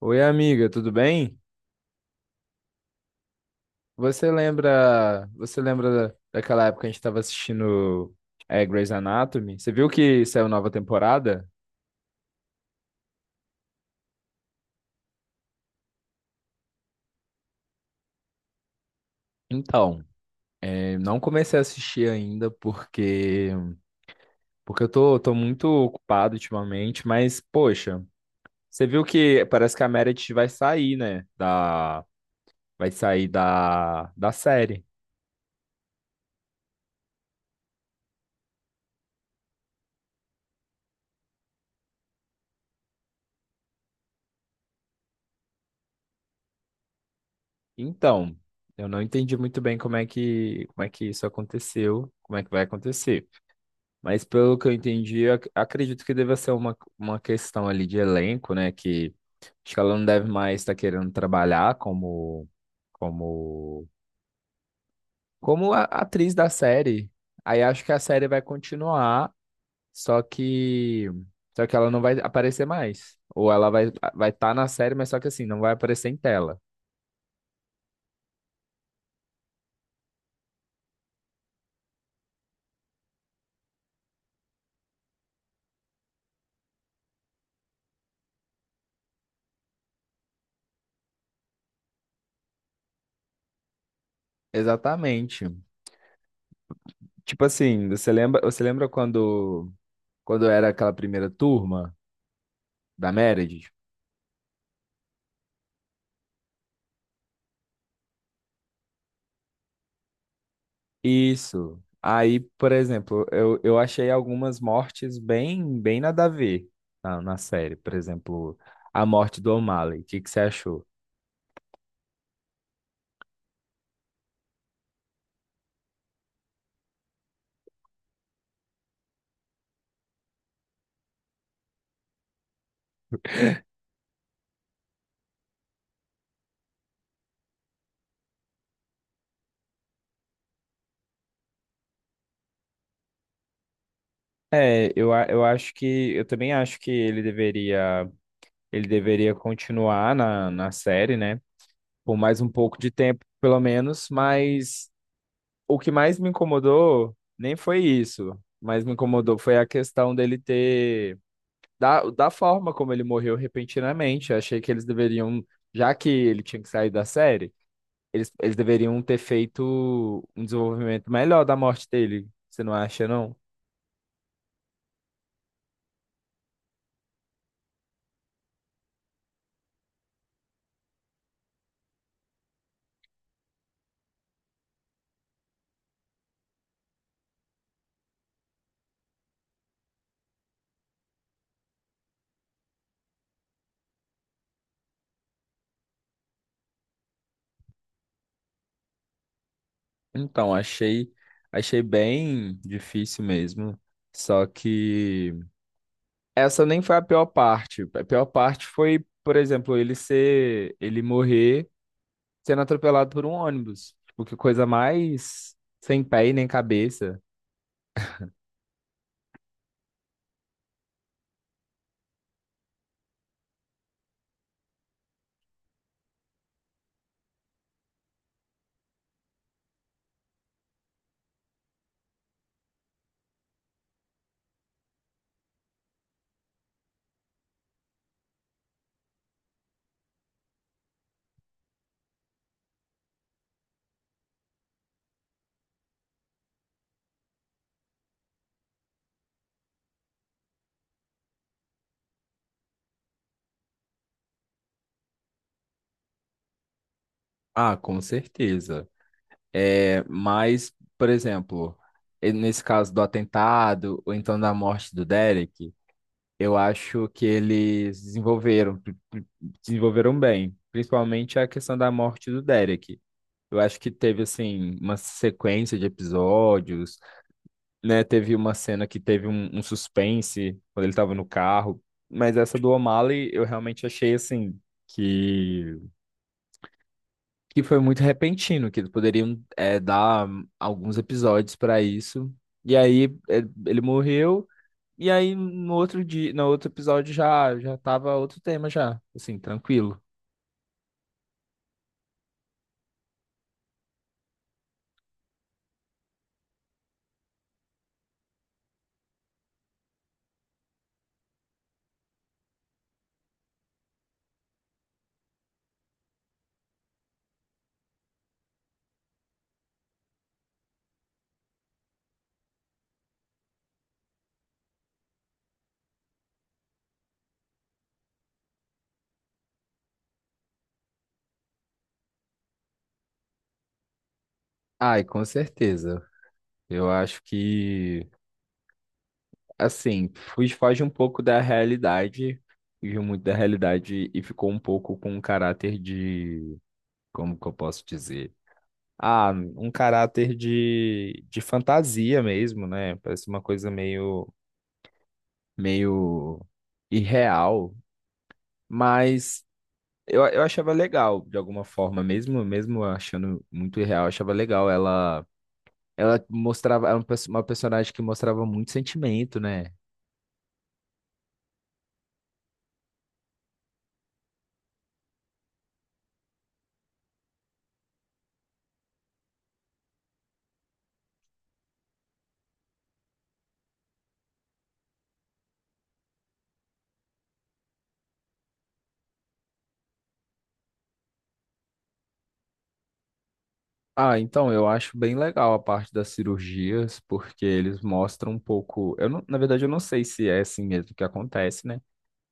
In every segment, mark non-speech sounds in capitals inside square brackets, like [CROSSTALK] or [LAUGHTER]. Oi, amiga, tudo bem? Você lembra daquela época que a gente estava assistindo Grey's Anatomy? Você viu que saiu nova temporada? Então, eu não comecei a assistir ainda porque eu tô muito ocupado ultimamente, mas poxa, você viu que parece que a Meredith vai sair, né? Vai sair da série. Então, eu não entendi muito bem como é que isso aconteceu, como é que vai acontecer. Mas pelo que eu entendi, acredito que deva ser uma questão ali de elenco, né? Que acho que ela não deve mais estar querendo trabalhar como, como a atriz da série. Aí acho que a série vai continuar, só que, só que ela não vai aparecer mais. Ou ela vai estar na série, mas só que assim, não vai aparecer em tela. Exatamente. Tipo assim, quando era aquela primeira turma da Meredith? Isso. Aí, por exemplo, eu achei algumas mortes bem nada a ver na série. Por exemplo, a morte do O'Malley. O que que você achou? Eu acho que eu também acho que ele deveria continuar na série, né? Por mais um pouco de tempo, pelo menos, mas o que mais me incomodou nem foi isso, mas me incomodou foi a questão dele ter da forma como ele morreu repentinamente. Eu achei que eles deveriam, já que ele tinha que sair da série, eles deveriam ter feito um desenvolvimento melhor da morte dele. Você não acha, não? Então, achei bem difícil mesmo. Só que essa nem foi a pior parte. A pior parte foi, por exemplo, ele morrer sendo atropelado por um ônibus. Tipo, que coisa mais sem pé e nem cabeça. Ah, com certeza. É, mas, por exemplo, nesse caso do atentado, ou então da morte do Derek, eu acho que eles desenvolveram bem, principalmente a questão da morte do Derek. Eu acho que teve, assim, uma sequência de episódios, né? Teve uma cena que teve um suspense quando ele estava no carro, mas essa do O'Malley eu realmente achei, assim, que que foi muito repentino, que eles poderiam dar alguns episódios para isso. E ele morreu, e aí no outro dia, no outro episódio já tava outro tema já, assim, tranquilo. Ai, com certeza. Eu acho que assim, fuge foge um pouco da realidade, fugiu muito da realidade e ficou um pouco com um caráter de, como que eu posso dizer? Ah, um caráter de fantasia mesmo, né? Parece uma coisa meio irreal, mas eu achava legal de alguma forma, mesmo achando muito irreal, eu achava legal. Ela mostrava era uma uma personagem que mostrava muito sentimento, né? Ah, então eu acho bem legal a parte das cirurgias, porque eles mostram um pouco. Eu não, na verdade, eu não sei se é assim mesmo que acontece, né?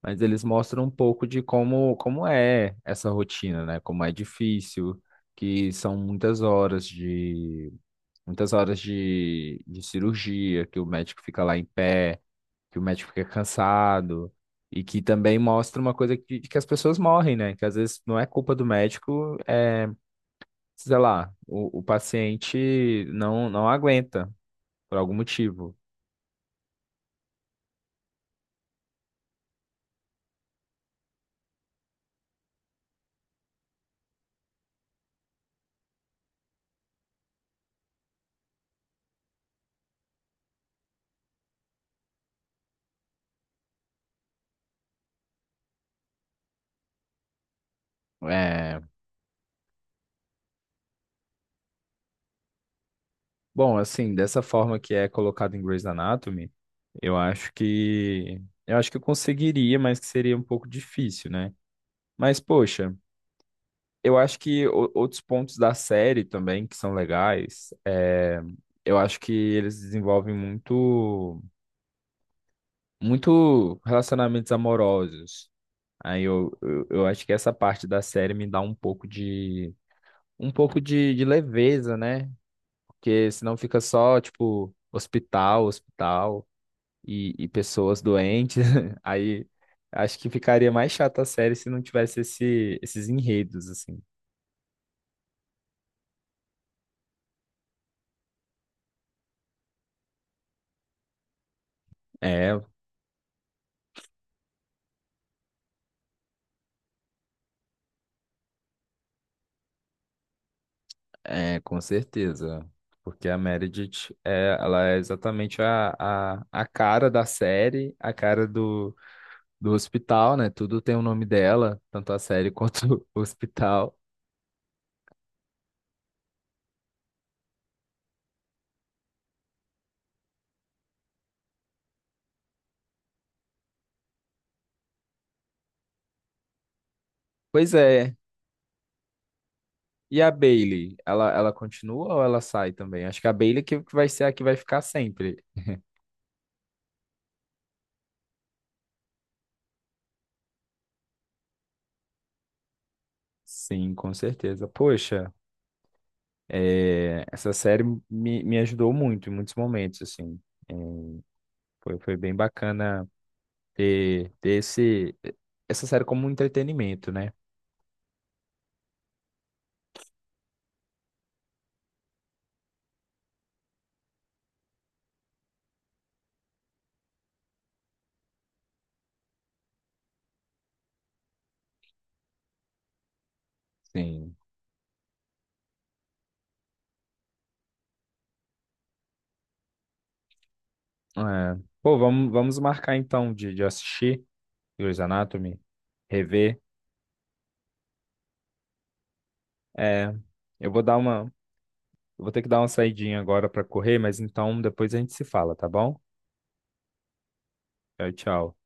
Mas eles mostram um pouco de como é essa rotina, né? Como é difícil, que são muitas horas de cirurgia, que o médico fica lá em pé, que o médico fica cansado, e que também mostra uma coisa que as pessoas morrem, né? Que às vezes não é culpa do médico, sei lá, o paciente não aguenta por algum motivo. É, bom, assim, dessa forma que é colocado em Grey's Anatomy, eu acho que eu acho que eu conseguiria, mas que seria um pouco difícil, né? Mas, poxa. Eu acho que outros pontos da série também que são legais, eu acho que eles desenvolvem muito relacionamentos amorosos. Aí eu acho que essa parte da série me dá um pouco de leveza, né? Porque senão fica só, tipo, hospital e pessoas doentes. [LAUGHS] Aí acho que ficaria mais chata a série se não tivesse esses enredos, assim. É, É, com certeza. Porque a Meredith, é, ela é exatamente a cara da série, a cara do, do hospital, né? Tudo tem o nome dela, tanto a série [LAUGHS] quanto o hospital. Pois é. E a Bailey, ela continua ou ela sai também? Acho que a Bailey que vai ser a que vai ficar sempre. Sim, com certeza. Poxa, essa série me ajudou muito em muitos momentos, assim. É, Foi bem bacana ter essa série como um entretenimento, né? Sim. É. Pô, vamos marcar então de assistir Grey's Anatomy, rever. É, eu vou dar uma, eu vou ter que dar uma saidinha agora para correr, mas então depois a gente se fala, tá bom? Tchau, tchau.